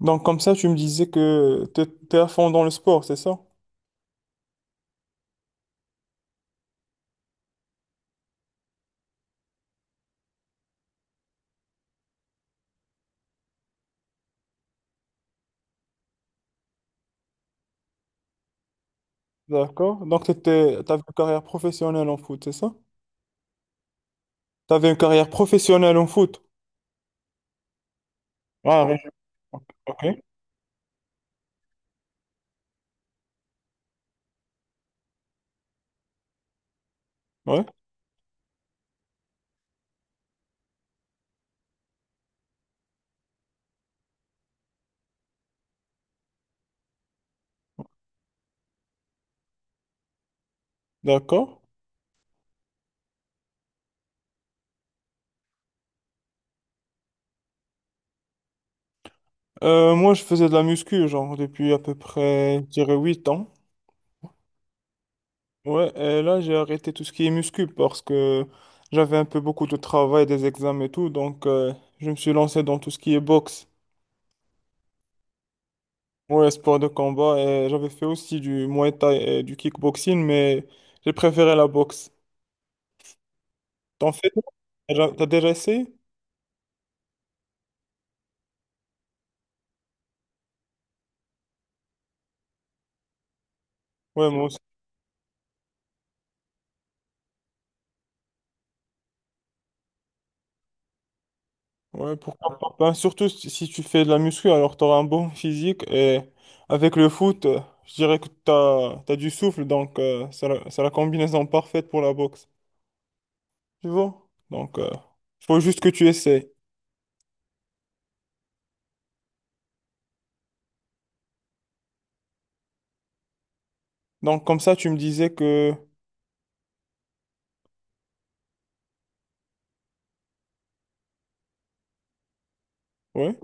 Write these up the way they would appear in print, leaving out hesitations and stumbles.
Donc comme ça, tu me disais que t'es à fond dans le sport, c'est ça? D'accord. Donc t'avais une carrière professionnelle en foot, c'est ça? T'avais une carrière professionnelle en foot. Ah, oui. Ok. Ouais, d'accord. Moi, je faisais de la muscu, genre, depuis à peu près, je dirais, 8 ans. Ouais, et là j'ai arrêté tout ce qui est muscu parce que j'avais un peu beaucoup de travail, des examens et tout, donc je me suis lancé dans tout ce qui est boxe. Ouais, sport de combat, et j'avais fait aussi du Muay Thai et du kickboxing, mais j'ai préféré la boxe. T'en fais? T'as déjà essayé? Ouais, moi aussi. Ouais, pourquoi pas. Ben, surtout si tu fais de la muscu, alors t'auras un bon physique et avec le foot, je dirais que t'as du souffle, donc c'est la combinaison parfaite pour la boxe. Tu vois? Donc, il faut juste que tu essaies. Donc, comme ça, tu me disais que... Ouais.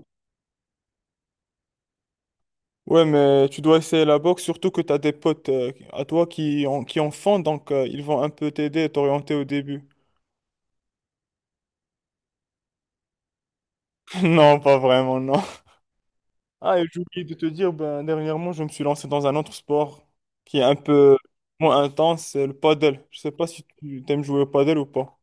Ouais, mais tu dois essayer la boxe, surtout que tu as des potes à toi qui en font, donc ils vont un peu t'aider et t'orienter au début. Non, pas vraiment, non. Ah, et j'ai oublié de te dire, ben, dernièrement, je me suis lancé dans un autre sport qui est un peu moins intense, c'est le paddle. Je sais pas si tu aimes jouer au paddle ou pas.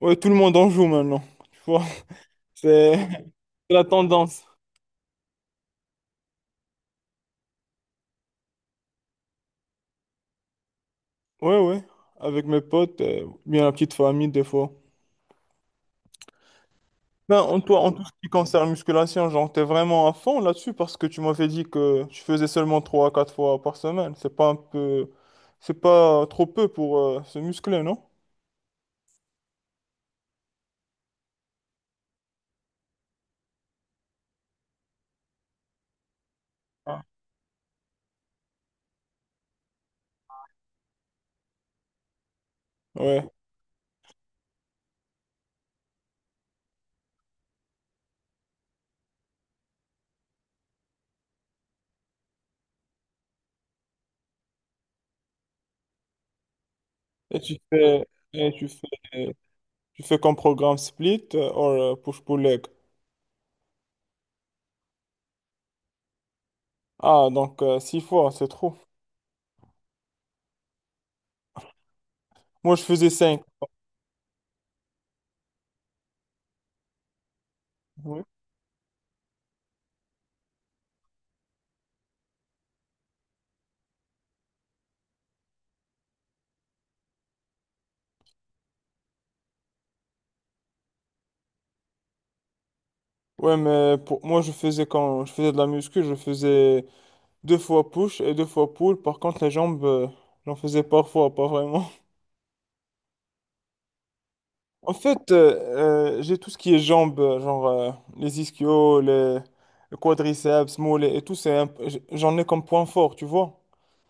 Ouais, tout le monde en joue maintenant, tu vois. C'est c'est la tendance. Ouais, ouais, avec mes potes, bien la petite famille des fois. Ben, en tout ce qui concerne musculation, genre, t'es vraiment à fond là-dessus parce que tu m'avais dit que tu faisais seulement 3 à 4 fois par semaine. C'est pas un peu... C'est pas trop peu pour se muscler, non? Ah. Ouais. Et tu fais... Et tu fais... Tu fais comme programme split ou push-pull leg. Ah, donc 6 fois, c'est trop. Moi, je faisais 5. Ouais, Ouais, mais pour moi je faisais quand je faisais de la muscu, je faisais Deux fois push et deux fois pull. Par contre, les jambes, j'en faisais parfois, pas vraiment. En fait, j'ai tout ce qui est jambes, genre les ischios, le quadriceps, mollets et tout. C'est un p- j- J'en ai comme point fort, tu vois.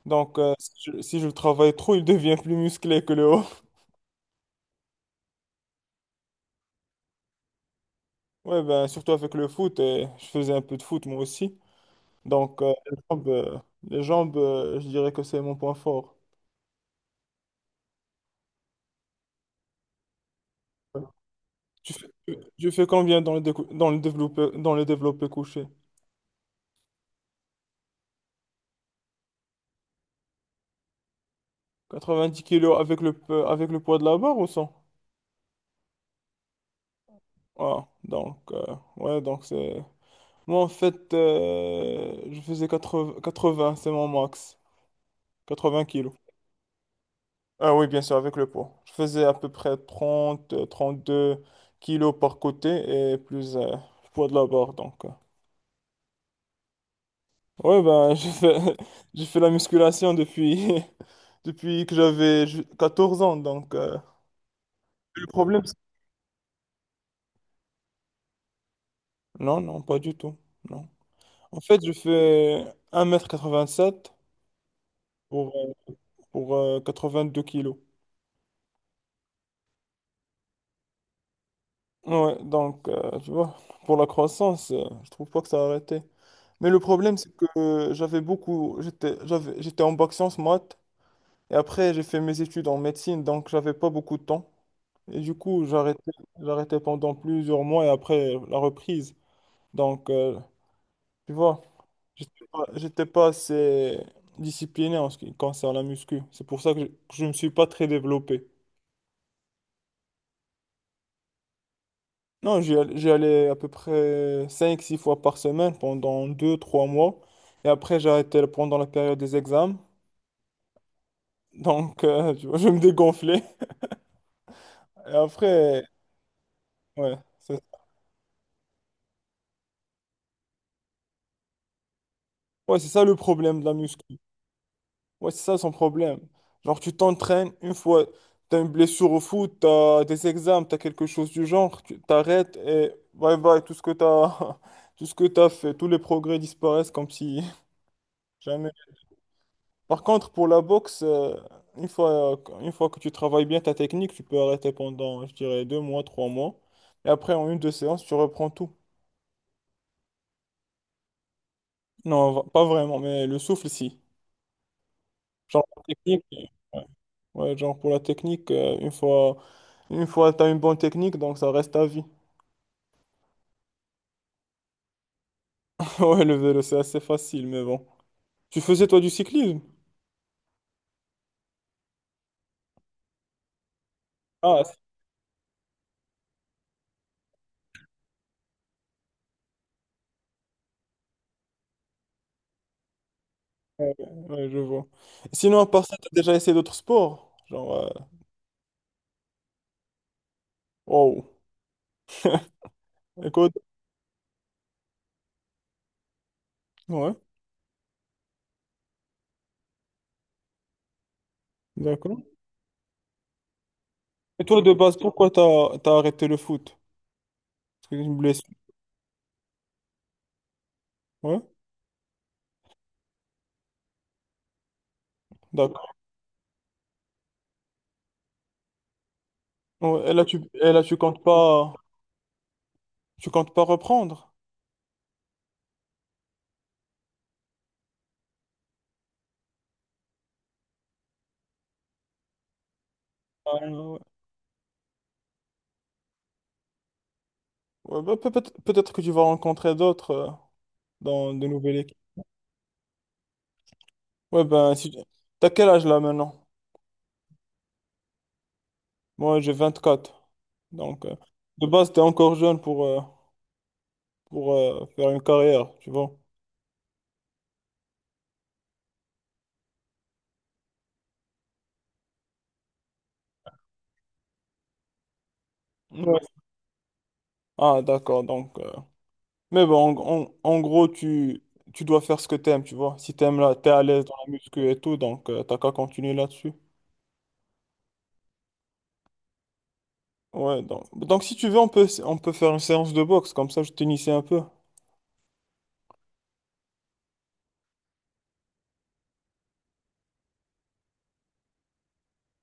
Donc, si je le travaille trop, il devient plus musclé que le haut. Ouais, ben, surtout avec le foot. Et je faisais un peu de foot moi aussi. Donc, les jambes, je dirais que c'est mon point fort. Tu fais, tu fais combien dans le développé couché? 90 kilos avec le poids de la barre ou sans? Ah, donc, ouais, donc c'est. Moi, en fait, je faisais 80, 80, c'est mon max. 80 kilos. Ah oui, bien sûr, avec le poids. Je faisais à peu près 30, 32 kilos par côté et plus le poids de la barre. Donc. Ouais, ben, j'ai fait la musculation depuis, depuis que j'avais 14 ans. Le problème, c'est- non, non, pas du tout. Non. En fait, je fais 1,87 m pour, euh, pour deux kilos. Ouais, donc, tu vois, pour la croissance, je trouve pas que ça a arrêté. Mais le problème, c'est que j'avais beaucoup, j'étais, j'avais, j'étais en bac sciences maths, et après, j'ai fait mes études en médecine, donc j'avais pas beaucoup de temps. Et du coup, j'arrêtais pendant plusieurs mois, et après, la reprise. Donc, tu vois, j'étais pas assez discipliné en ce qui concerne la muscu. C'est pour ça que que je me suis pas très développé. Non, j'y allais à peu près cinq, six fois par semaine pendant deux, trois mois. Et après, j'ai arrêté pendant la période des examens. Donc, tu vois, je me dégonflais. Et après, ouais, c'est ouais, c'est ça le problème de la muscu. Ouais, c'est ça son problème. Genre, tu t'entraînes une fois, t'as une blessure au foot, t'as des examens, t'as quelque chose du genre, tu t'arrêtes et bye bye, tout ce que t'as, tout ce que t'as fait, tous les progrès disparaissent comme si jamais. Par contre, pour la boxe, une fois que tu travailles bien ta technique, tu peux arrêter pendant, je dirais, deux mois, trois mois. Et après, en une, deux séances, tu reprends tout. Non, pas vraiment, mais le souffle, si. Genre, la technique, ouais. Ouais, genre pour la technique, une fois tu as une bonne technique, donc ça reste à vie. Ouais, le vélo, c'est assez facile, mais bon. Tu faisais, toi, du cyclisme? Ah, c'est- ouais, ouais, je vois. Sinon, à part ça, t'as déjà essayé d'autres sports? Genre, wow. Écoute, ouais, d'accord. Et toi, de base, pourquoi t'as arrêté le foot? Parce que c'est une blessure. Ouais, d'accord. Ouais, et là, et là, tu comptes pas reprendre. Ah ouais, Ouais, bah, peut-être que tu vas rencontrer d'autres dans de nouvelles équipes. Ouais, ben, si, t'as quel âge là maintenant? Moi, j'ai 24. Donc, de base, t'es encore jeune pour, faire une carrière, tu vois. Ouais. Ah, d'accord. Mais bon, en gros, tu dois faire ce que t'aimes, tu vois. Si t'aimes là, t'es à l'aise dans la muscu et tout, donc t'as qu'à continuer là-dessus. Ouais, donc, si tu veux, on peut faire une séance de boxe, comme ça je t'initie un peu.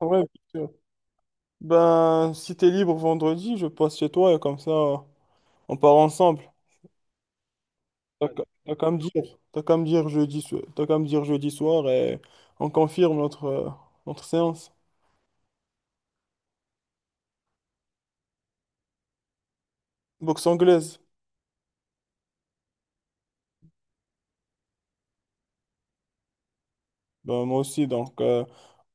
Ouais, bien sûr. Ben, si t'es libre vendredi, je passe chez toi et comme ça, on part ensemble. T'as qu'à me dire jeudi soir et on confirme notre séance. Boxe anglaise. Ben, moi aussi, donc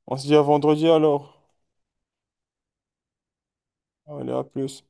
on se dit à vendredi alors. Allez, à plus.